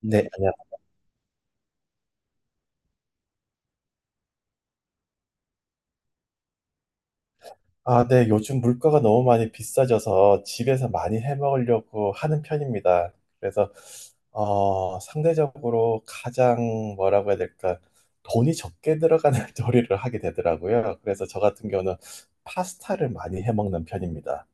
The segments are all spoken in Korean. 네, 안녕. 아, 네, 요즘 물가가 너무 많이 비싸져서 집에서 많이 해 먹으려고 하는 편입니다. 그래서, 상대적으로 가장 뭐라고 해야 될까, 돈이 적게 들어가는 요리를 하게 되더라고요. 그래서 저 같은 경우는 파스타를 많이 해 먹는 편입니다.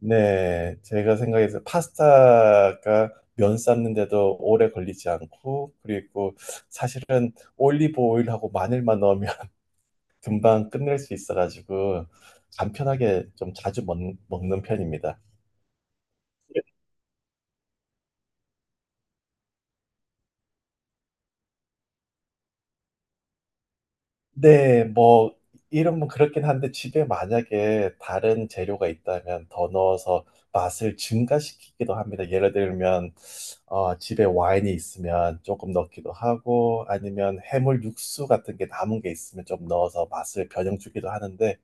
네, 제가 생각해서 파스타가 면 삶는데도 오래 걸리지 않고, 그리고 사실은 올리브 오일하고 마늘만 넣으면 금방 끝낼 수 있어가지고 간편하게 좀 자주 먹는 편입니다. 네, 뭐 이름은 그렇긴 한데 집에 만약에 다른 재료가 있다면 더 넣어서 맛을 증가시키기도 합니다. 예를 들면 집에 와인이 있으면 조금 넣기도 하고 아니면 해물 육수 같은 게 남은 게 있으면 좀 넣어서 맛을 변형 주기도 하는데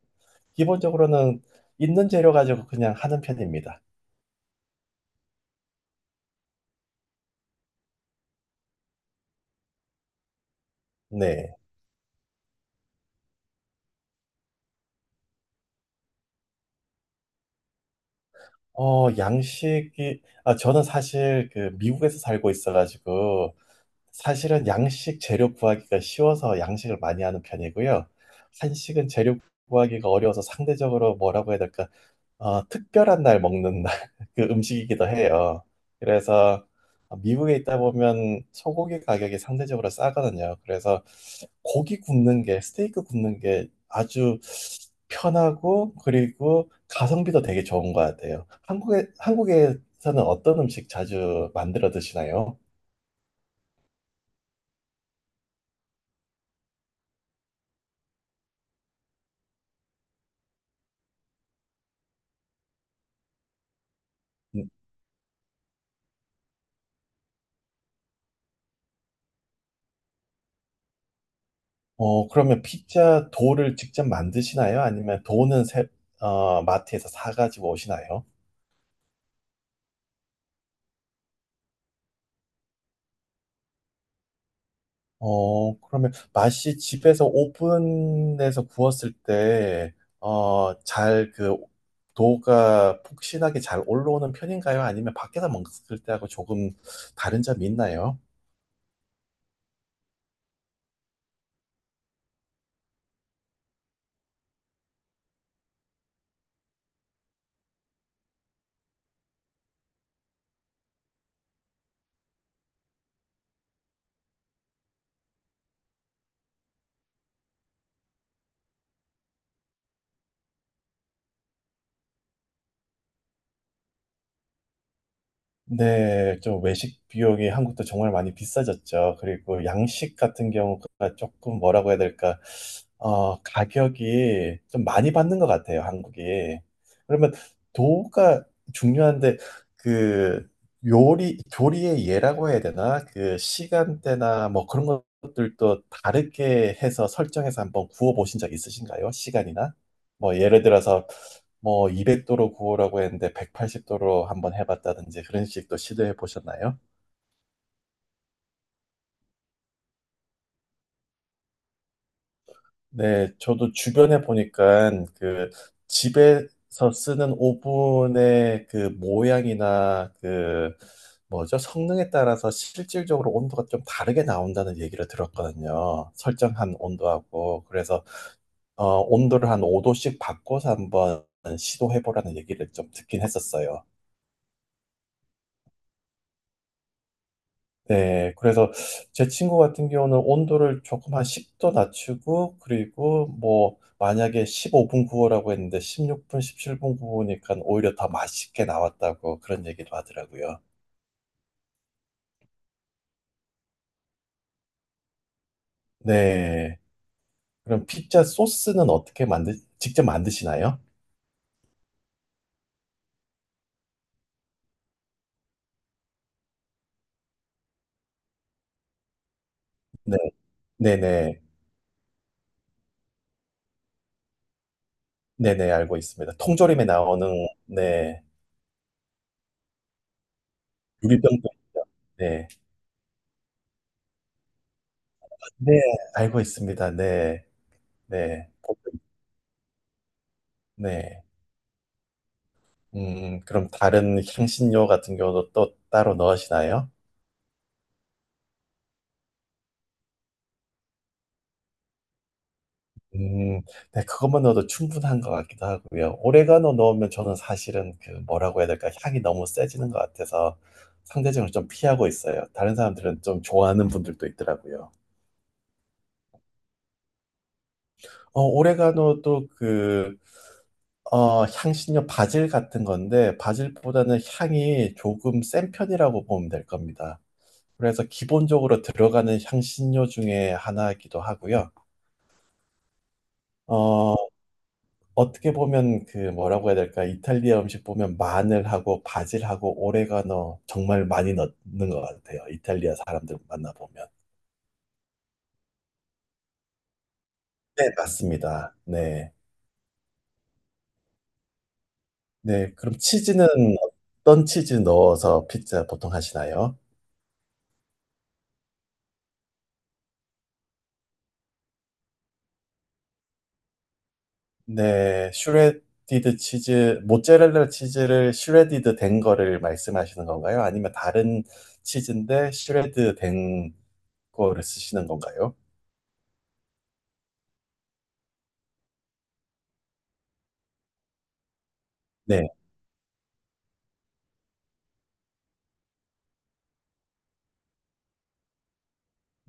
기본적으로는 있는 재료 가지고 그냥 하는 편입니다. 네. 저는 사실 그 미국에서 살고 있어가지고, 사실은 양식 재료 구하기가 쉬워서 양식을 많이 하는 편이고요. 한식은 재료 구하기가 어려워서 상대적으로 뭐라고 해야 될까, 특별한 날 먹는 날, 그 음식이기도 해요. 그래서 미국에 있다 보면 소고기 가격이 상대적으로 싸거든요. 그래서 고기 굽는 게, 스테이크 굽는 게 아주 편하고 그리고 가성비도 되게 좋은 것 같아요. 한국에서는 어떤 음식 자주 만들어 드시나요? 음, 어, 그러면 피자 도를 직접 만드시나요? 아니면 어, 마트에서 사가지고 오시나요? 어, 그러면 맛이 집에서 오븐에서 구웠을 때, 어, 잘 그 도가 폭신하게 잘 올라오는 편인가요? 아니면 밖에서 먹을 때하고 조금 다른 점이 있나요? 네, 좀 외식 비용이 한국도 정말 많이 비싸졌죠. 그리고 양식 같은 경우가 조금 뭐라고 해야 될까, 가격이 좀 많이 받는 것 같아요, 한국이. 그러면 도우가 중요한데, 그 요리, 조리의 예라고 해야 되나? 그 시간대나 뭐 그런 것들도 다르게 해서 설정해서 한번 구워보신 적 있으신가요? 시간이나? 뭐 예를 들어서 뭐 200도로 구우라고 했는데 180도로 한번 해봤다든지 그런 식도 시도해 보셨나요? 네, 저도 주변에 보니까 그 집에서 쓰는 오븐의 그 모양이나 그 뭐죠? 성능에 따라서 실질적으로 온도가 좀 다르게 나온다는 얘기를 들었거든요. 설정한 온도하고. 그래서 어, 온도를 한 5도씩 바꿔서 한번 시도해 보라는 얘기를 좀 듣긴 했었어요. 네, 그래서 제 친구 같은 경우는 온도를 조금 한 10도 낮추고, 그리고 뭐, 만약에 15분 구워라고 했는데 16분, 17분 구우니까 오히려 더 맛있게 나왔다고 그런 얘기도 하더라고요. 네. 그럼 피자 소스는 직접 만드시나요? 네, 네네. 네네, 알고 있습니다. 통조림에 나오는, 네, 유리병도 있죠. 네. 네, 알고 있습니다. 네, 네. 네. 그럼 다른 향신료 같은 경우도 또 따로 넣으시나요? 음, 네, 그것만 넣어도 충분한 것 같기도 하고요. 오레가노 넣으면 저는 사실은 그 뭐라고 해야 될까 향이 너무 세지는 것 같아서 상대적으로 좀 피하고 있어요. 다른 사람들은 좀 좋아하는 분들도 있더라고요. 어, 오레가노도 그 어, 향신료 바질 같은 건데 바질보다는 향이 조금 센 편이라고 보면 될 겁니다. 그래서 기본적으로 들어가는 향신료 중에 하나이기도 하고요. 어, 어떻게 보면 그 뭐라고 해야 될까? 이탈리아 음식 보면 마늘하고 바질하고 오레가노 정말 많이 넣는 것 같아요. 이탈리아 사람들 만나보면. 네, 맞습니다. 네. 네, 그럼 치즈는 어떤 치즈 넣어서 피자 보통 하시나요? 네, 슈레디드 치즈, 모짜렐라 치즈를 슈레디드 된 거를 말씀하시는 건가요? 아니면 다른 치즈인데 슈레드 된 거를 쓰시는 건가요? 네,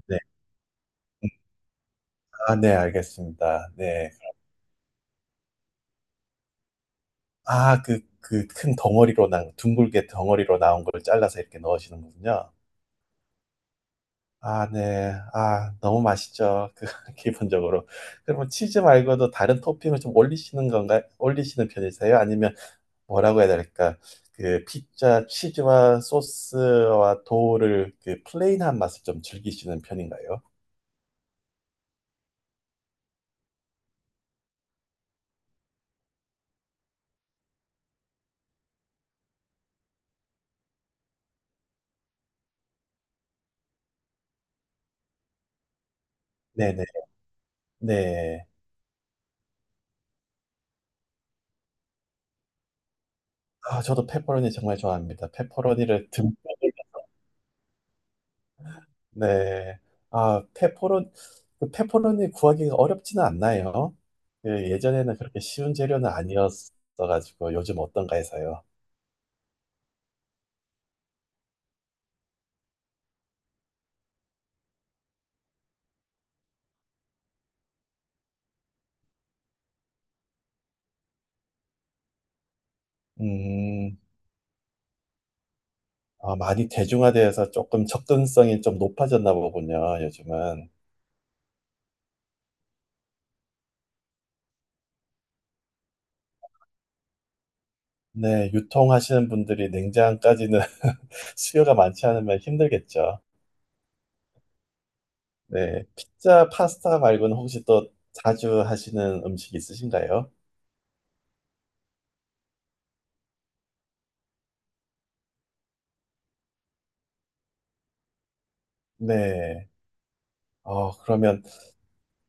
네. 아, 네, 알겠습니다. 네. 그 큰 덩어리로 둥글게 덩어리로 나온 걸 잘라서 이렇게 넣으시는 거군요. 아, 네. 아, 너무 맛있죠. 그, 기본적으로. 그러면 치즈 말고도 다른 토핑을 좀 올리시는 건가요? 올리시는 편이세요? 아니면 뭐라고 해야 될까? 그 피자 치즈와 소스와 도우를 그 플레인한 맛을 좀 즐기시는 편인가요? 네네. 네. 아, 저도 페퍼로니 정말 좋아합니다. 페퍼로니를 듬뿍 네. 아, 페퍼론, 그 페퍼론이 구하기가 어렵지는 않나요? 예, 예전에는 그렇게 쉬운 재료는 아니었어가지고 요즘 어떤가 해서요. 음, 아, 많이 대중화되어서 조금 접근성이 좀 높아졌나 보군요, 요즘은. 네, 유통하시는 분들이 냉장까지는 수요가 많지 않으면 힘들겠죠. 네, 피자, 파스타 말고는 혹시 또 자주 하시는 음식 있으신가요? 네. 어, 그러면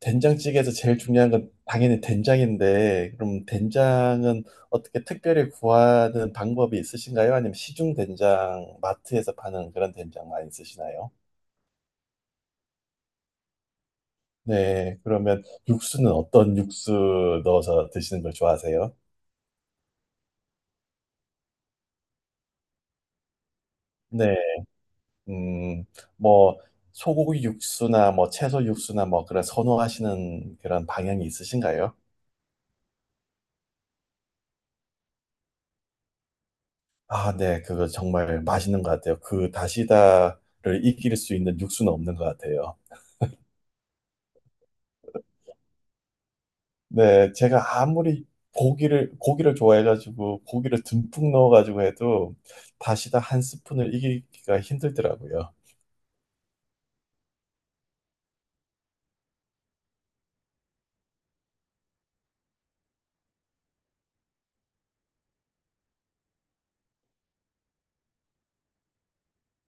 된장찌개에서 제일 중요한 건 당연히 된장인데, 그럼 된장은 어떻게 특별히 구하는 방법이 있으신가요? 아니면 시중 된장, 마트에서 파는 그런 된장 많이 쓰시나요? 네, 그러면 육수는 어떤 육수 넣어서 드시는 걸 좋아하세요? 네, 음, 뭐, 소고기 육수나 뭐 채소 육수나 뭐 그런 선호하시는 그런 방향이 있으신가요? 아, 네, 그거 정말 맛있는 것 같아요. 그 다시다를 이길 수 있는 육수는 없는 것 같아요. 네, 제가 아무리 고기를 좋아해가지고 고기를 듬뿍 넣어가지고 해도 다시다 한 스푼을 이기기가 힘들더라고요.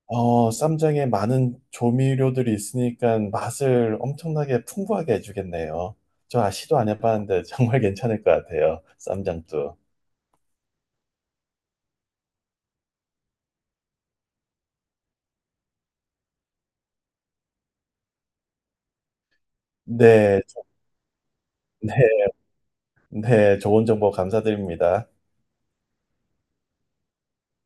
어, 쌈장에 많은 조미료들이 있으니까 맛을 엄청나게 풍부하게 해주겠네요. 저 시도 안 해봤는데 정말 괜찮을 것 같아요. 쌈장도. 네, 네, 네, 좋은 정보 감사드립니다.